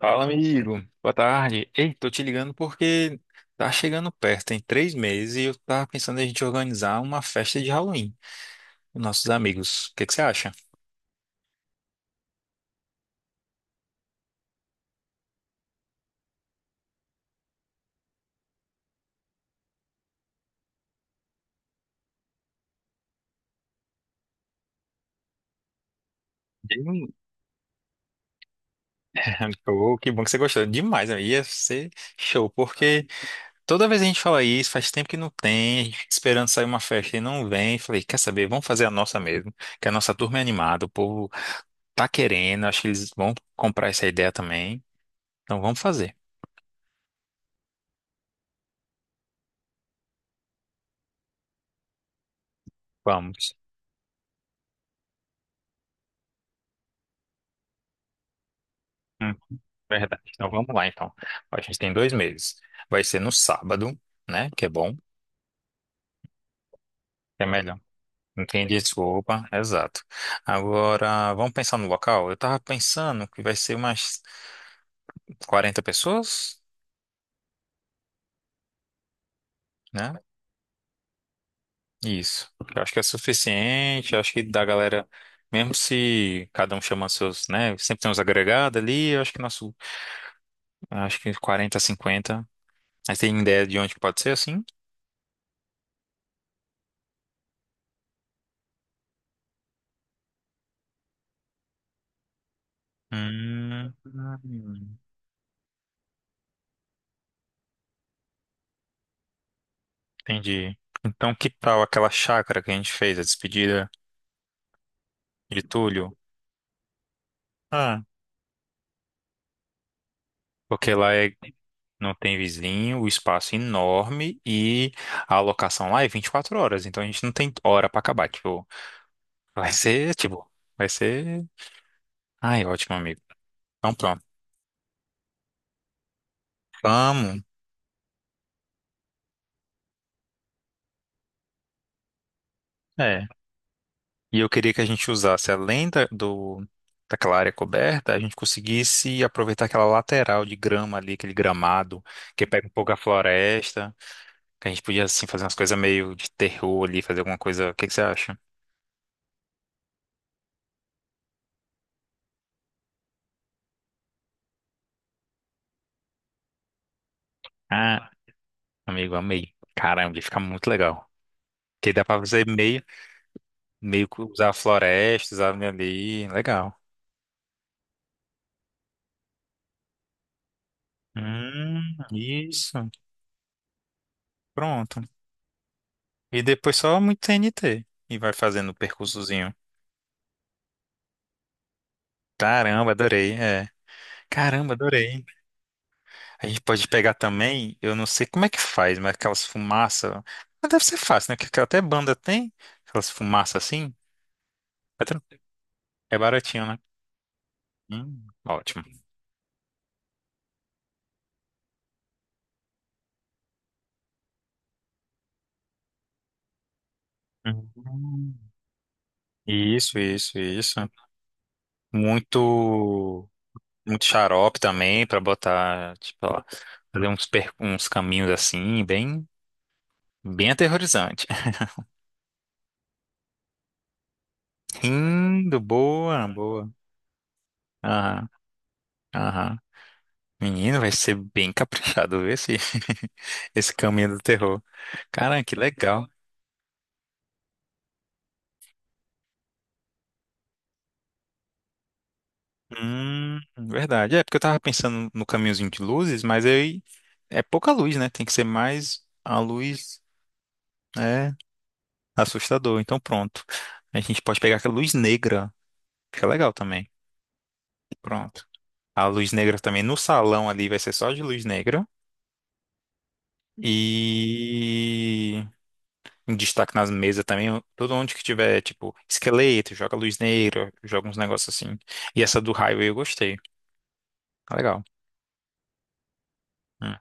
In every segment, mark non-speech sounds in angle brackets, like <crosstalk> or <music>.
Fala, amigo. Boa tarde. Ei, tô te ligando porque tá chegando perto, tem 3 meses, e eu tava pensando em a gente organizar uma festa de Halloween com nossos amigos. O que que você acha? Hum. <laughs> Oh, que bom que você gostou. Demais, né? Ia ser show, porque toda vez a gente fala isso, faz tempo que não tem, a gente fica esperando sair uma festa e não vem. Falei, quer saber? Vamos fazer a nossa mesmo, que a nossa turma é animada, o povo tá querendo, acho que eles vão comprar essa ideia também. Então vamos fazer. Vamos. Verdade. Então vamos lá, então. A gente tem 2 meses. Vai ser no sábado, né? Que é bom, que é melhor. Não tem desculpa, exato. Agora, vamos pensar no local? Eu tava pensando que vai ser umas 40 pessoas, né? Isso. Eu acho que é suficiente. Eu acho que da galera, mesmo se cada um chama seus, né? Sempre tem uns agregados ali. Eu acho que nosso, acho que 40, 50. Aí tem ideia de onde pode ser assim? Hum. Entendi. Então, que tal aquela chácara que a gente fez, a despedida de Túlio? Ah, porque lá é, não tem vizinho, o espaço é enorme e a alocação lá é 24 horas, então a gente não tem hora pra acabar. Tipo, vai ser, tipo, vai ser. Ai, ótimo, amigo. Então, pronto. Vamos. É. E eu queria que a gente usasse, além daquela área coberta, a gente conseguisse aproveitar aquela lateral de grama ali, aquele gramado que pega um pouco a floresta. Que a gente podia, assim, fazer umas coisas meio de terror ali, fazer alguma coisa. O que que você acha? Ah, amigo, amei. Caramba, ia ficar muito legal. Porque dá pra fazer meio que usar florestas, árvore ali. Legal. Hum, isso. Pronto. E depois só muito TNT e vai fazendo o percursozinho. Caramba, adorei. É. Caramba, adorei. A gente pode pegar também, eu não sei como é que faz, mas aquelas fumaças. Mas deve ser fácil, né? Que até banda tem. Aquelas fumaças assim. É tran- é baratinho, né? Ótimo. Hum. Isso, isso, isso. Muito, muito xarope também pra botar, tipo, ó, fazer uns caminhos assim, bem, bem aterrorizante. <laughs> Lindo, boa, boa. Aham, aham. Menino, vai ser bem caprichado ver esse, <laughs> esse caminho do terror. Caramba, que legal. Verdade. É, porque eu tava pensando no caminhozinho de luzes, mas aí é pouca luz, né? Tem que ser mais a luz. Né? Assustador. Então pronto. A gente pode pegar aquela luz negra. Fica legal também. Pronto. A luz negra também no salão ali vai ser só de luz negra. E um destaque nas mesas também. Todo onde que tiver, tipo, esqueleto, joga luz negra, joga uns negócios assim. E essa do Highway eu gostei. Tá legal. Hum.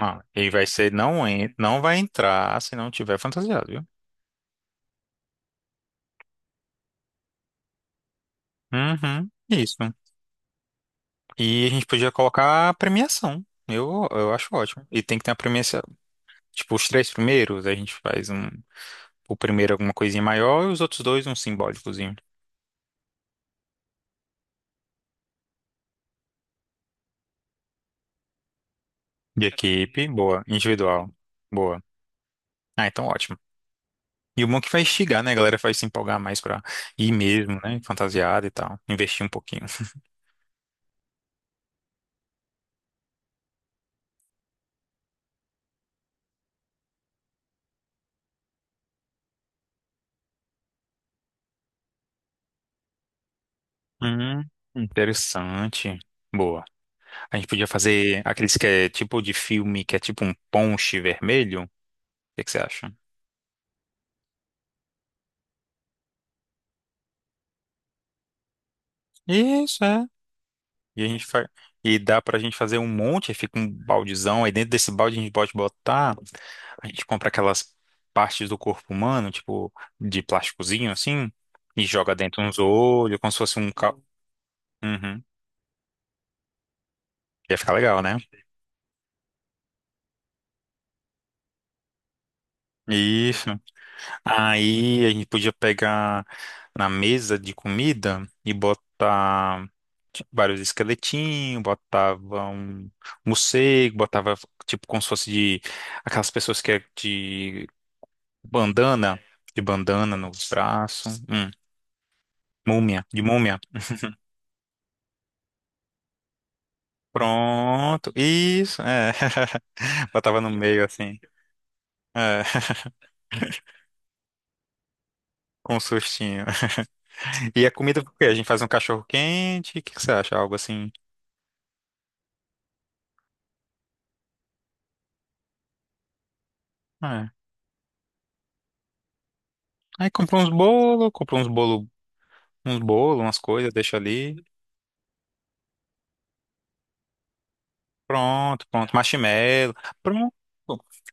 Ah, e vai ser, não, não vai entrar se não tiver fantasiado, viu? Uhum. Isso. E a gente podia colocar a premiação. Eu acho ótimo. E tem que ter. Tipo, os três primeiros, a gente faz um, o primeiro alguma coisinha maior e os outros dois um simbólicozinho. De equipe, boa. Individual, boa. Ah, então ótimo. E o bom é que vai instigar, né? A galera vai se empolgar mais pra ir mesmo, né? Fantasiada e tal. Investir um pouquinho. Hum, interessante. Boa. A gente podia fazer aqueles que é tipo de filme, que é tipo um ponche vermelho. O que que você acha? Isso, é. E a gente faz. E dá pra gente fazer um monte, aí fica um baldezão. Aí dentro desse balde a gente pode botar. A gente compra aquelas partes do corpo humano, tipo, de plásticozinho assim, e joga dentro uns olhos, como se fosse um. Uhum. Ia ficar legal, né? Isso. Aí a gente podia pegar na mesa de comida e botar tipo, vários esqueletinhos, botava um morcego, botava tipo como se fosse de aquelas pessoas que é de bandana, de bandana no braço. Múmia, de múmia. Pronto, isso, é. <laughs> Botava no meio assim, é, <laughs> com um sustinho. E a comida, o quê? A gente faz um cachorro quente, o que que você acha? Algo assim. É. Aí compra uns bolos, umas coisas, deixa ali. Pronto, pronto. Marshmallow, pronto.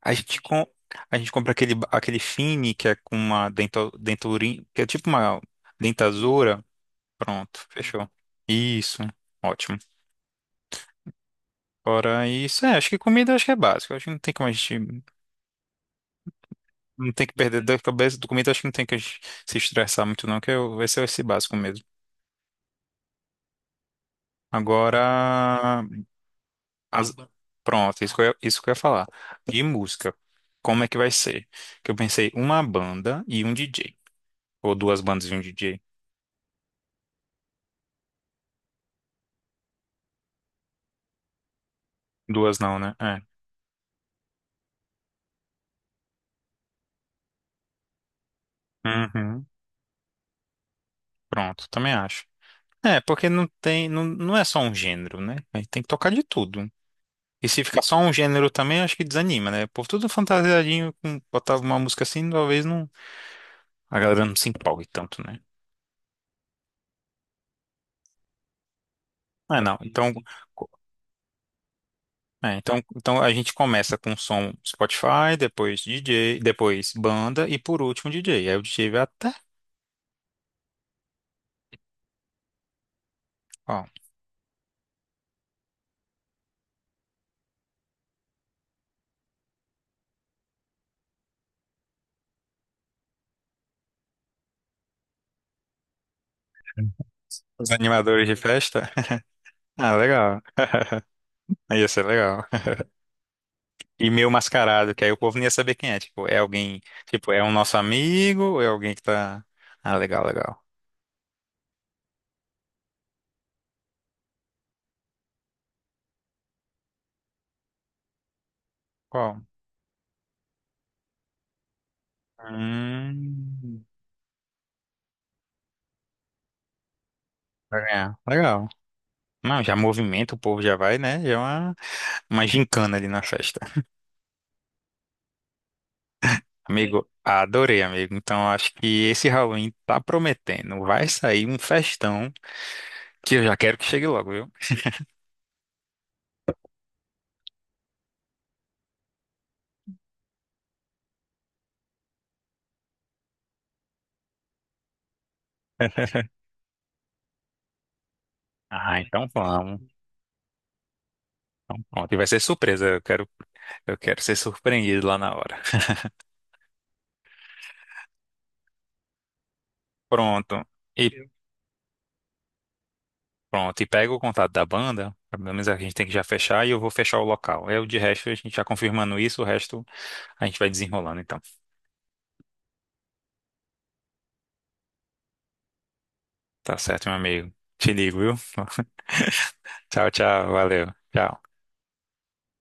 A gente, com, a gente compra aquele, aquele fine que é com uma dento, denturinha, que é tipo uma dentadura. Pronto, fechou. Isso, ótimo. Fora isso, é, acho que comida acho que é básico. Acho que não tem como a gente. Não tem que perder da cabeça do comida, acho que não tem que a gente se estressar muito, não, vai ser esse básico mesmo. Agora. as- Pronto, isso que eu ia falar. De música. Como é que vai ser? Que eu pensei uma banda e um DJ. Ou duas bandas e um DJ. Duas não, né? É. Uhum. Pronto, também acho. É, porque não tem, não, não é só um gênero, né? A gente tem que tocar de tudo. E se ficar só um gênero também, acho que desanima, né? Por tudo fantasiadinho, botava uma música assim, talvez não, a galera não se empolgue tanto, né? É, não. Então, co- é, então, a gente começa com som Spotify, depois DJ, depois banda e por último DJ. Aí o DJ vai até, ó, os animadores de festa. <laughs> Ah, legal. Aí ia ser legal. E meio mascarado, que aí o povo não ia saber quem é. Tipo, é alguém, tipo, é um nosso amigo ou é alguém que tá. Ah, legal, legal. Qual? Hum. Pra ganhar. Legal. Não, já movimenta, o povo já vai, né? Já é uma gincana ali na festa. Amigo, adorei, amigo. Então acho que esse Halloween tá prometendo. Vai sair um festão que eu já quero que chegue logo, viu? <laughs> Ah, então vamos. Então, pronto. E vai ser surpresa. Eu quero ser surpreendido lá na hora. Pronto. E pronto. E pega o contato da banda. Pelo menos a gente tem que já fechar e eu vou fechar o local. É o de resto, a gente já confirmando isso, o resto a gente vai desenrolando, então. Tá certo, meu amigo. Te ligo, viu? <laughs> Tchau, tchau. Valeu. Tchau.